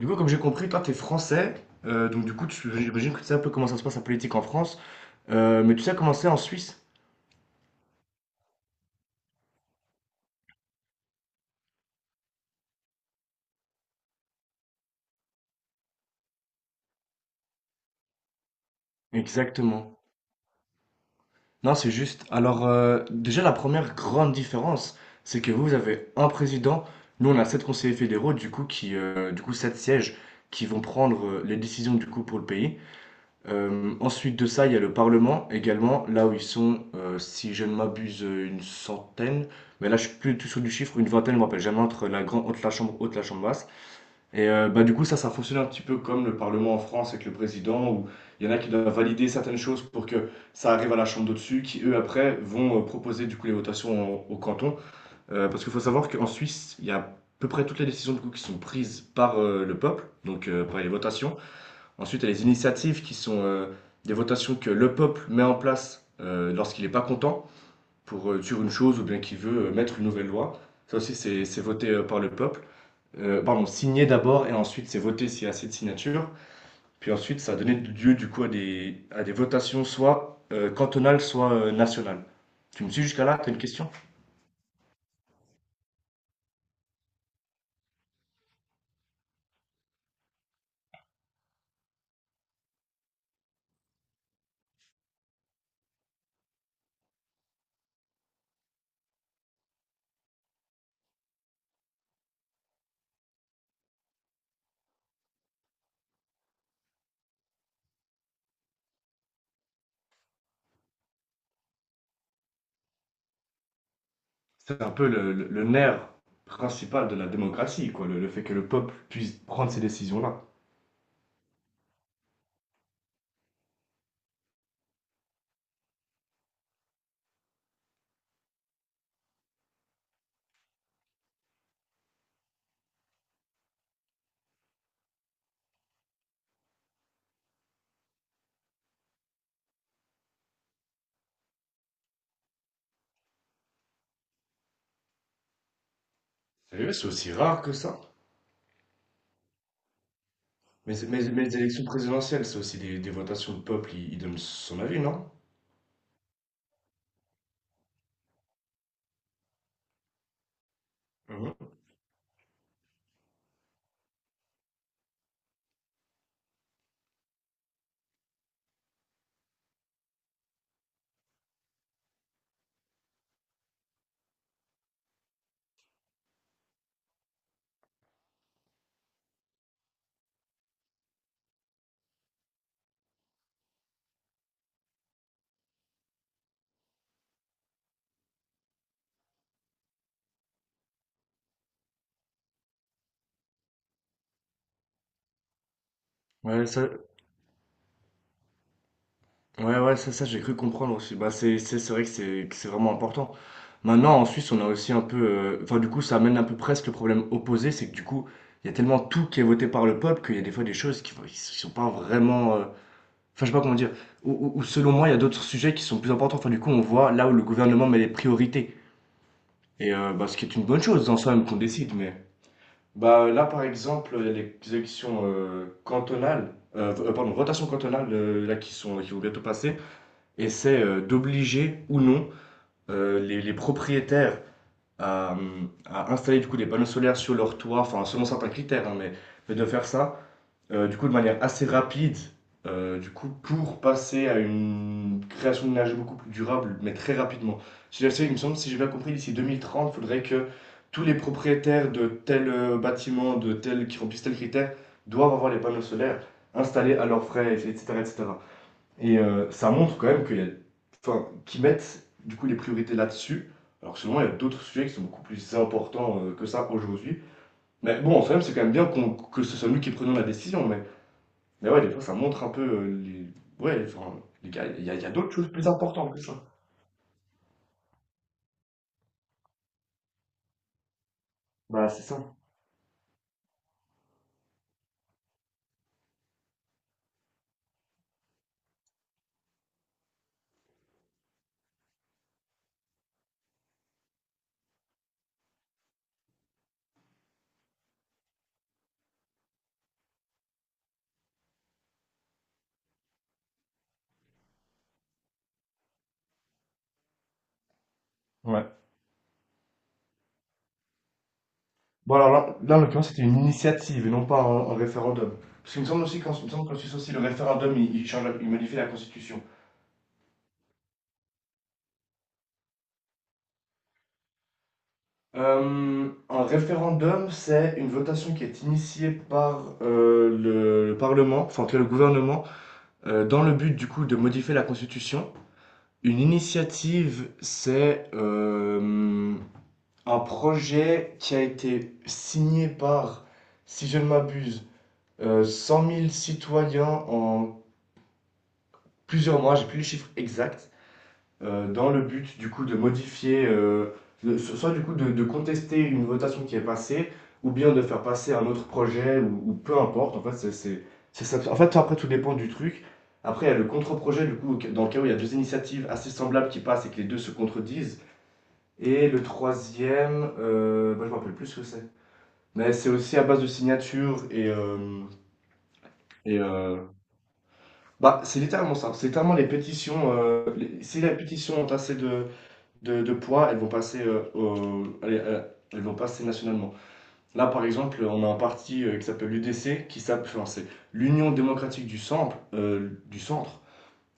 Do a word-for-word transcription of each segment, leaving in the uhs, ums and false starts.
Du coup, comme j'ai compris, toi, t'es français, euh, donc du coup, tu- j'imagine que tu sais un peu comment ça se passe la politique en France, euh, mais tu sais comment c'est en Suisse? Exactement. Non, c'est juste. Alors, euh, déjà, la première grande différence, c'est que vous, vous avez un président, nous, on a sept conseillers fédéraux, du coup, qui, euh, du coup, sept sièges qui vont prendre euh, les décisions, du coup, pour le pays. Euh, ensuite de ça, il y a le Parlement également, là où ils sont, euh, si je ne m'abuse, euh, une centaine, mais là, je suis plus du tout sûr du chiffre, une vingtaine, je ne me rappelle jamais, entre la grande, entre la chambre haute, la chambre basse. Et heu, bah, du coup, ça, ça fonctionne un petit peu comme le parlement en France avec le président où il y en a qui doivent valider certaines choses pour que ça arrive à la chambre d'au-dessus qui, eux, après, vont, heu, proposer du coup les votations au au canton. Heu, parce qu'il faut savoir qu'en Suisse, il y a à peu près toutes les décisions du coup qui sont prises par, heu, le peuple, donc heu, par les votations. Ensuite, il y a les initiatives qui sont, heu, des votations que le peuple met en place, heu, lorsqu'il n'est pas content pour, heu, sur une chose ou bien qu'il veut, heu, mettre une nouvelle loi. Ça aussi, c'est c'est voté, heu, par le peuple, euh, pardon, signé d'abord et ensuite c'est voté s'il y a assez de signatures. Puis ensuite, ça a donné lieu du coup à des, à des votations soit euh, cantonales, soit euh, nationales. Tu me suis jusqu'à là, t'as une question? C'est un peu le, le- le nerf principal de la démocratie, quoi, le, le fait que le peuple puisse prendre ces décisions-là. Sérieux, c'est aussi rare que ça. Mais, c'est- mais, mais les élections présidentielles, c'est aussi des, des votations. Le peuple, il, il donne son avis, non? Mhm. Ouais, ça. Ouais, ouais, ça, ça j'ai cru comprendre aussi. Bah, c'est, c'est c'est vrai que c'est que c'est vraiment important. Maintenant, en Suisse, on a aussi un peu. euh, Enfin, du coup, ça amène un peu presque le problème opposé, c'est que du coup, il y a tellement tout qui est voté par le peuple qu'il y a des fois des choses qui, qui sont pas vraiment. euh, Enfin, je sais pas comment dire. Ou, ou- ou selon moi, il y a d'autres sujets qui sont plus importants. Enfin, du coup, on voit là où le gouvernement met les priorités. Et euh, bah, ce qui est une bonne chose en soi, même qu'on décide, mais. Bah, là, par exemple, il y a les élections euh, cantonales. euh, euh, pardon, rotations cantonales, euh, là, qui sont, qui vont bientôt passer et c'est euh, d'obliger ou non euh, les, les propriétaires à, à installer du coup des panneaux solaires sur leur toit, enfin selon certains critères, hein, mais, mais de faire ça euh, du coup de manière assez rapide, euh, du coup pour passer à une création d'énergie beaucoup plus durable, mais très rapidement. C'est-à-dire, c'est- il me semble, si j'ai bien compris, d'ici deux mille trente, il faudrait que tous les propriétaires de tel euh, bâtiment, de tel qui remplissent tel critère, doivent avoir les panneaux solaires installés à leurs frais, et cetera, et cetera. Et heu, ça montre quand même qu'il y a enfin, qu'ils mettent, du coup, les priorités là-dessus, alors que selon moi, il y a d'autres sujets qui sont beaucoup plus importants, heu, que ça aujourd'hui. Mais bon, en soi c'est quand même bien qu'on que ce soit nous qui prenions la décision, mais mais ouais, des fois, ça montre un peu, heu, les ouais, enfin, les gars, il y a il y a d'autres choses plus importantes que ça. Bah, c'est ça. Ouais. Bon, alors là là, en l'occurrence, c'était une initiative et non pas un un référendum. Parce qu'il me semble aussi qu'en il me semble qu'en Suisse aussi, le référendum, il il change la il modifie la constitution. Euh, un référendum, c'est une votation qui est initiée par euh, le, le Parlement, enfin en tout cas le gouvernement, euh, dans le but du coup de modifier la Constitution. Une initiative, c'est euh, un projet qui a été signé par, si je ne m'abuse, euh, cent mille citoyens en plusieurs mois, j'ai plus les chiffres exacts. Euh, dans le but du coup de modifier, euh, de- so- soit du coup de, de contester une votation qui est passée, ou bien de faire passer un autre projet, ou, ou peu importe. En fait, c'est, c'est- c'est ça- en fait, après, tout dépend du truc. Après, il y a le contre-projet, du coup, dans le cas où il y a deux initiatives assez semblables qui passent et que les deux se contredisent. Et le troisième, euh, bah, je me rappelle plus ce que c'est. Mais c'est aussi à base de signatures et, euh, et euh, bah, c'est littéralement ça. C'est littéralement les pétitions. Euh, les- si la pétition ont assez de, de de poids, elles vont passer, heu, au allez, heu, elles vont passer nationalement. Là, par exemple, on a un parti, heu, qui s'appelle l'U D C, qui s'appelle enfin, c'est l'Union démocratique du Centre, heu, du Centre.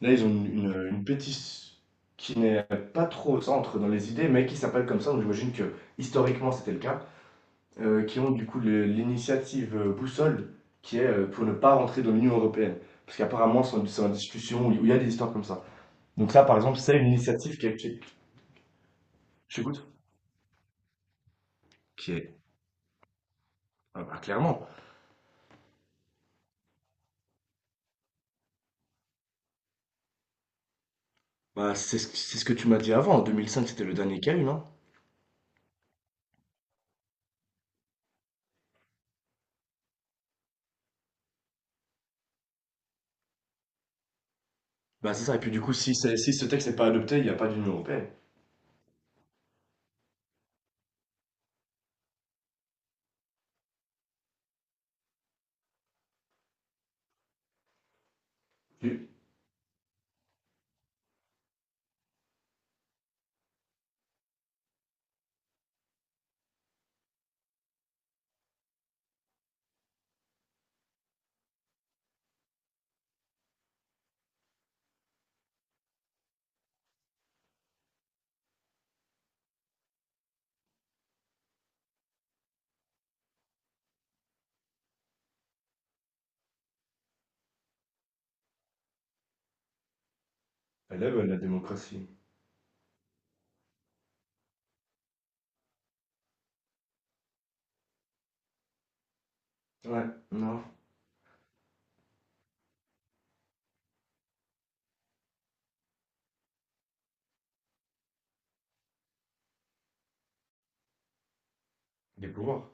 Là, ils ont une une, une pétition qui n'est pas trop au centre dans les idées, mais qui s'appelle comme ça, donc j'imagine que historiquement, c'était le cas, heu, qui ont du coup le l'initiative, heu, Boussole, qui est, heu, pour ne pas rentrer dans l'Union européenne. Parce qu'apparemment, c'est en c'est en discussion, où il y a des histoires comme ça. Donc ça, par exemple, c'est une initiative qui est qui est je t'écoute? Qui est ah bah, clairement. Bah, c'est ce c'est ce que tu m'as dit avant. En deux mille cinq, c'était le dernier qu'il y a eu, non? Bah, c'est ça. Et puis, du coup, si, c'est- si ce texte n'est pas adopté, il n'y a pas d'Union européenne. Tu- Elle aime la démocratie. Ouais, non. Des pouvoirs.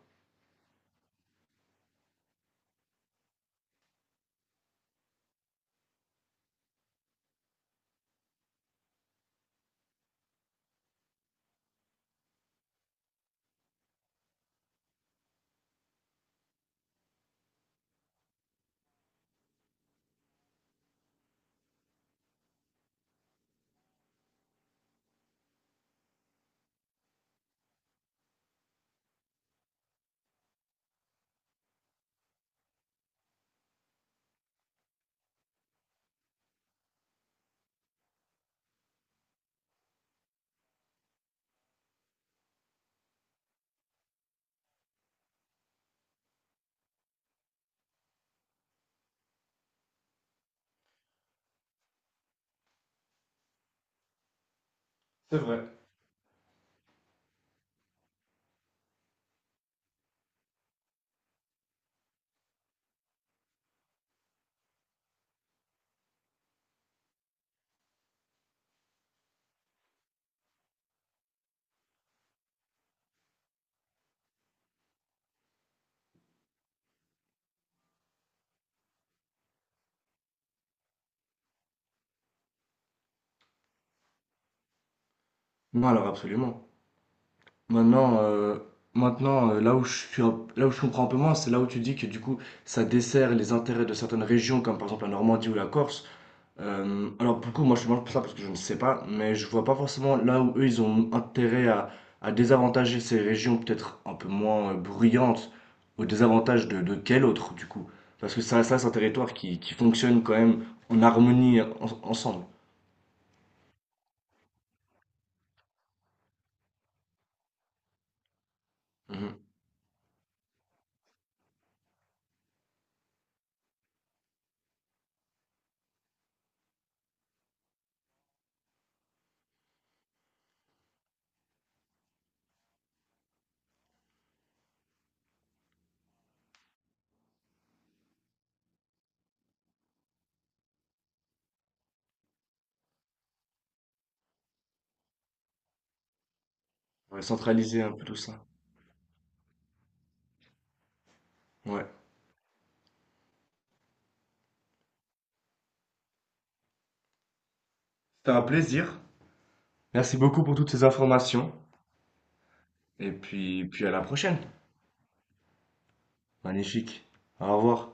C'est vrai. Non, alors, absolument. Maintenant, euh, maintenant euh, là où je suis un- là où je comprends un peu moins, c'est là où tu dis que, du coup, ça dessert les intérêts de certaines régions, comme par exemple la Normandie ou la Corse. Euh, alors pour le coup, moi je te demande pour ça parce que je ne sais pas, mais je vois pas forcément là où eux ils ont intérêt à, à désavantager ces régions peut-être un peu moins euh, bruyantes au désavantage de, de quel autre du coup? Parce que ça, ça c'est un territoire qui, qui fonctionne quand même en harmonie en- ensemble. Mhm. Ouais, centraliser un peu tout ça. Ouais. C'était un plaisir. Merci beaucoup pour toutes ces informations. Et puis, puis à la prochaine. Magnifique. Au revoir.